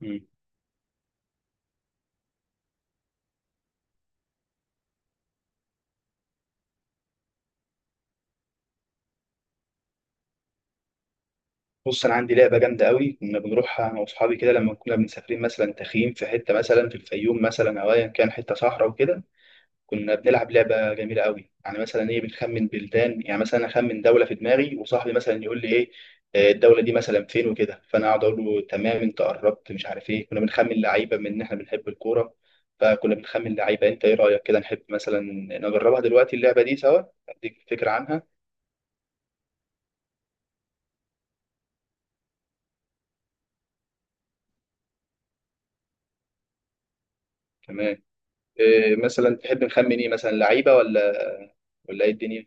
مم. بص، انا عندي لعبه جامده قوي كنا بنروحها انا واصحابي كده لما كنا مسافرين مثلا تخييم في حته مثلا في الفيوم، مثلا او ايا كان حته صحراء وكده. كنا بنلعب لعبه جميله قوي، يعني مثلا ايه، بنخمن بلدان، يعني مثلا اخمن دوله في دماغي وصاحبي مثلا يقول لي ايه الدوله دي مثلا فين وكده، فانا اقعد اقول له تمام انت قربت، مش عارف ايه. كنا بنخمن لعيبه من ان احنا بنحب الكوره، فكنا بنخمن لعيبه. انت ايه رايك كده، نحب مثلا نجربها دلوقتي اللعبه دي سوا، اديك فكره عنها كمان؟ إيه مثلا تحب نخمن، ايه مثلا، لعيبه ولا ايه الدنيا؟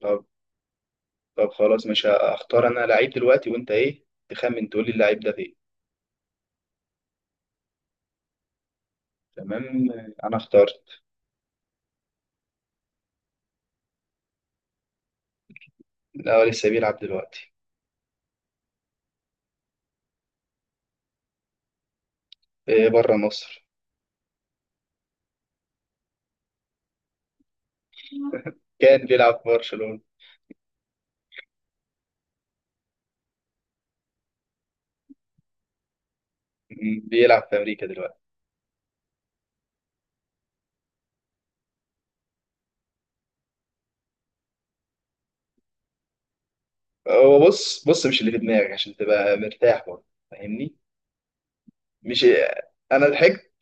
طب طب خلاص، مش هختار انا لعيب دلوقتي، وانت ايه تخمن تقول لي اللعيب ده فين. تمام، انا اخترت. الاول لسه بيلعب دلوقتي. إيه، بره مصر. كان بيلعب في برشلونة. بيلعب في امريكا دلوقتي. هو بص بص، مش اللي في دماغك عشان تبقى مرتاح برضه، فاهمني؟ مش انا ضحكت.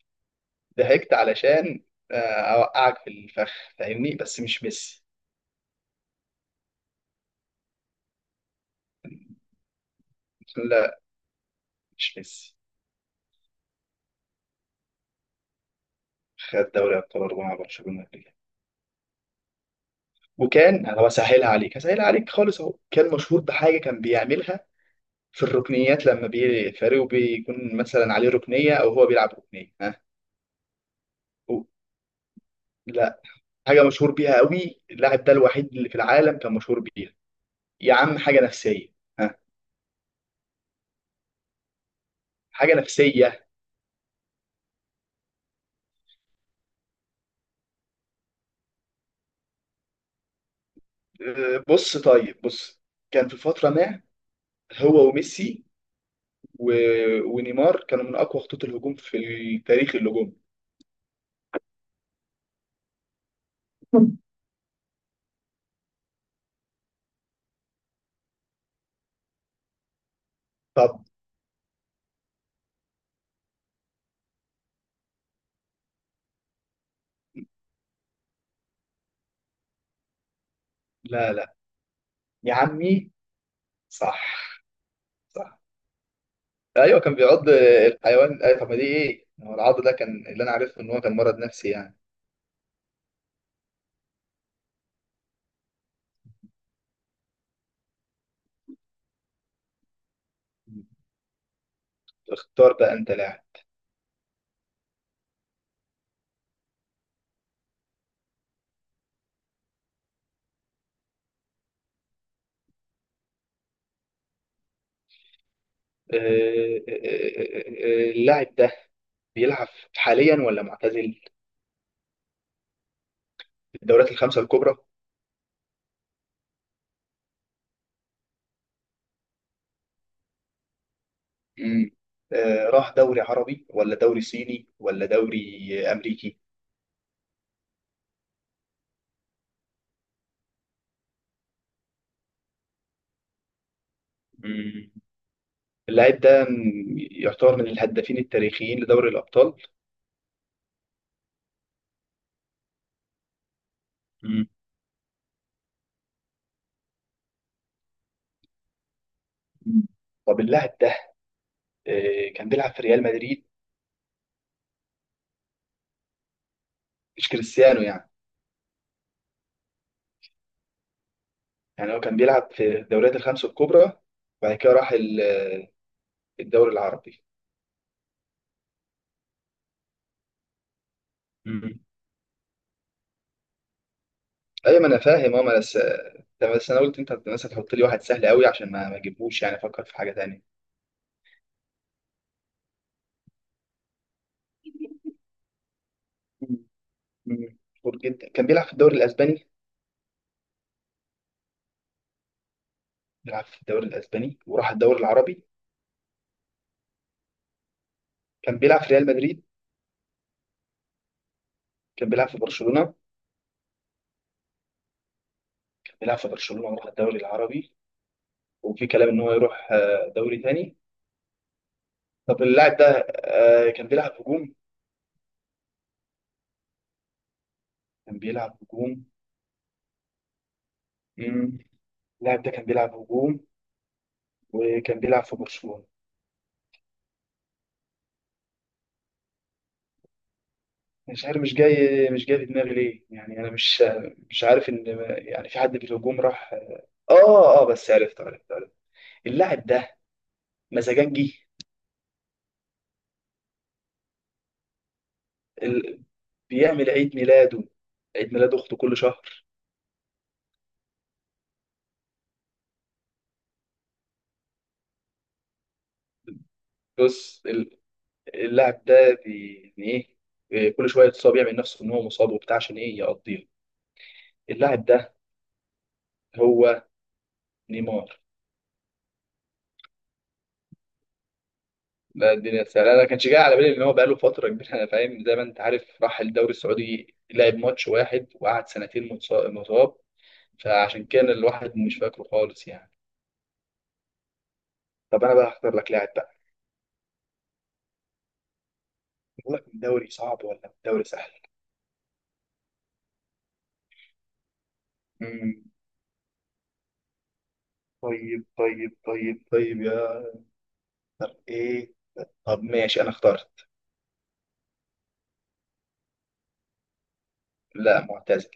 ضحكت علشان آه، اوقعك في الفخ، فاهمني، بس مش ميسي. لا، مش ميسي. خد دوري ابطال 4 مع برشلونة قبل كده. وكان انا بسهلها عليك، هسهلها عليك خالص. اهو كان مشهور بحاجه كان بيعملها في الركنيات، لما فريقه بيكون مثلا عليه ركنيه او هو بيلعب ركنيه، ها. و- لا، حاجه مشهور بيها قوي اللاعب ده، الوحيد اللي في العالم كان مشهور بيها. يا عم، حاجه نفسيه، ها. حاجه نفسيه. بص طيب بص. كان في فتره ما هو وميسي و... ونيمار كانوا من اقوى خطوط الهجوم في تاريخ الهجوم. طب. لا لا، يا عمي، صح صح. ايوه كان بيعض الحيوان. أيوة، طب ما دي ايه؟ هو العض ده كان اللي انا عارفه ان هو كان مرض نفسي يعني. اختار بقى انت لاعب. آه، اللاعب ده بيلعب حاليا ولا معتزل؟ في الدوريات الخمسة الكبرى؟ مم. راح دوري عربي ولا دوري صيني ولا دوري امريكي؟ مم. اللاعب ده يعتبر من الهدافين التاريخيين لدوري الابطال. مم. طب اللاعب ده كان بيلعب في ريال مدريد؟ مش كريستيانو يعني؟ يعني هو كان بيلعب في الدوريات الخمس الكبرى وبعد كده راح الدوري العربي. مم. ايوه، ما انا فاهم، ما انا بس، بس انا قلت انت مثلا تحط لي واحد سهل قوي عشان ما اجيبهوش يعني، افكر في حاجه تانية. مم. مم. مشهور جدا، كان بيلعب في الدوري الاسباني؟ بيلعب في الدوري الاسباني وراح الدوري العربي. كان بيلعب في ريال مدريد؟ كان بيلعب في برشلونه؟ كان بيلعب في برشلونه وراح الدوري العربي. وفي كلام ان هو يروح دوري تاني. طب اللاعب ده كان بيلعب هجوم؟ كان بيلعب هجوم. مم. اللاعب ده كان بيلعب هجوم، وكان بيلعب في برشلونة. مش عارف، مش جاي، في دماغي ليه يعني، انا مش عارف ان، يعني في حد في الهجوم راح. اه اه، بس عرفت عرفت عرفت. اللاعب ده مزاجنجي. ال... بيعمل عيد ميلاده، عيد ميلاد اخته كل شهر. بص اللاعب ده يعني ايه، إيه، كل شويه يتصاب، يعمل نفسه ان هو مصاب وبتاع، عشان ايه يقضيها. اللاعب ده هو نيمار. لا، الدنيا سهلة، أنا ما كانش جاي على بالي إن هو بقاله فترة كبيرة. أنا فاهم، زي ما أنت عارف راح الدوري السعودي لعب ماتش واحد وقعد سنتين مصاب. فعشان كان الواحد مش فاكره خالص يعني. طب أنا بقى هختار لك لاعب بقى. أقول لك الدوري صعب ولا الدوري سهل؟ مم. طيب طيب طيب طيب إيه، طب ماشي، أنا اخترت. لا، معتزل.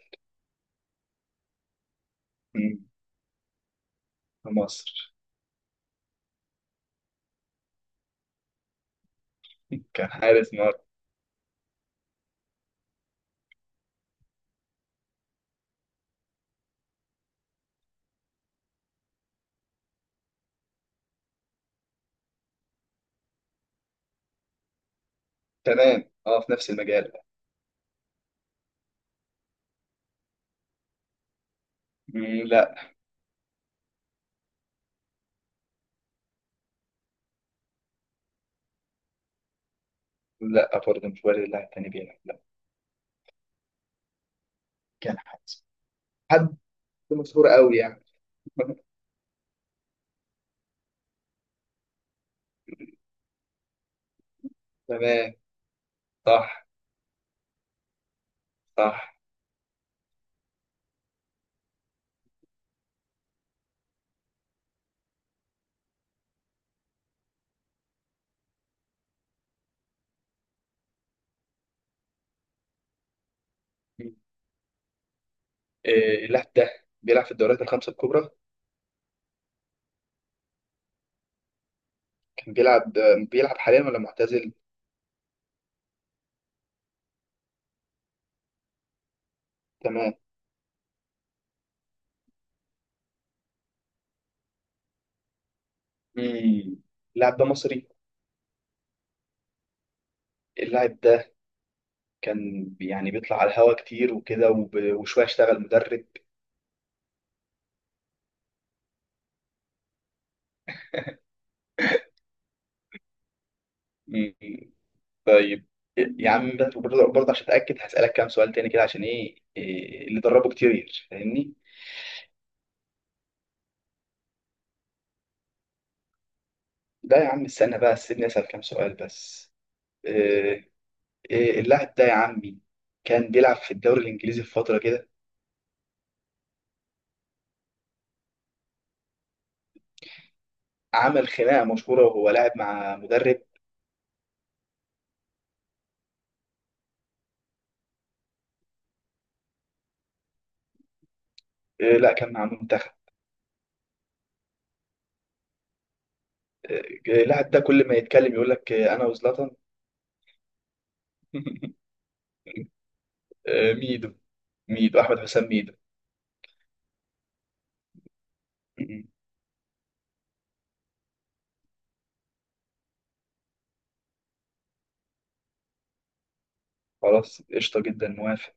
مم. في مصر. كان حارس مرمى. تمام، في نفس المجال. مم. لا لا، برضه مش وارد اللاعب التاني بيلعب، لا. كان حارس. حد مشهور قوي يعني؟ تمام، صح صح. إيه اللاعب ده بيلعب في الدوريات الخمسة الكبرى؟ كان بيلعب؟ بيلعب حاليا ولا معتزل؟ تمام. مم. اللاعب ده مصري. اللاعب ده كان يعني بيطلع على الهوا كتير وكده وشوية اشتغل مدرب. مم. طيب يا عم، ده برضه برضه عشان اتاكد هسالك كام سؤال تاني كده، عشان ايه إيه اللي دربه كتير، فاهمني؟ لا يا عم، استنى بقى سيبني اسال كام سؤال بس. إيه، إيه اللاعب ده يا عمي كان بيلعب في الدوري الانجليزي في فتره كده؟ عمل خناقه مشهوره وهو لاعب مع مدرب. لا، كان مع منتخب. آه، اللاعب ده كل ما يتكلم يقول لك انا وزلاتان. آه، ميدو. ميدو احمد حسام ميدو. م- م. خلاص، قشطه جدا، موافق.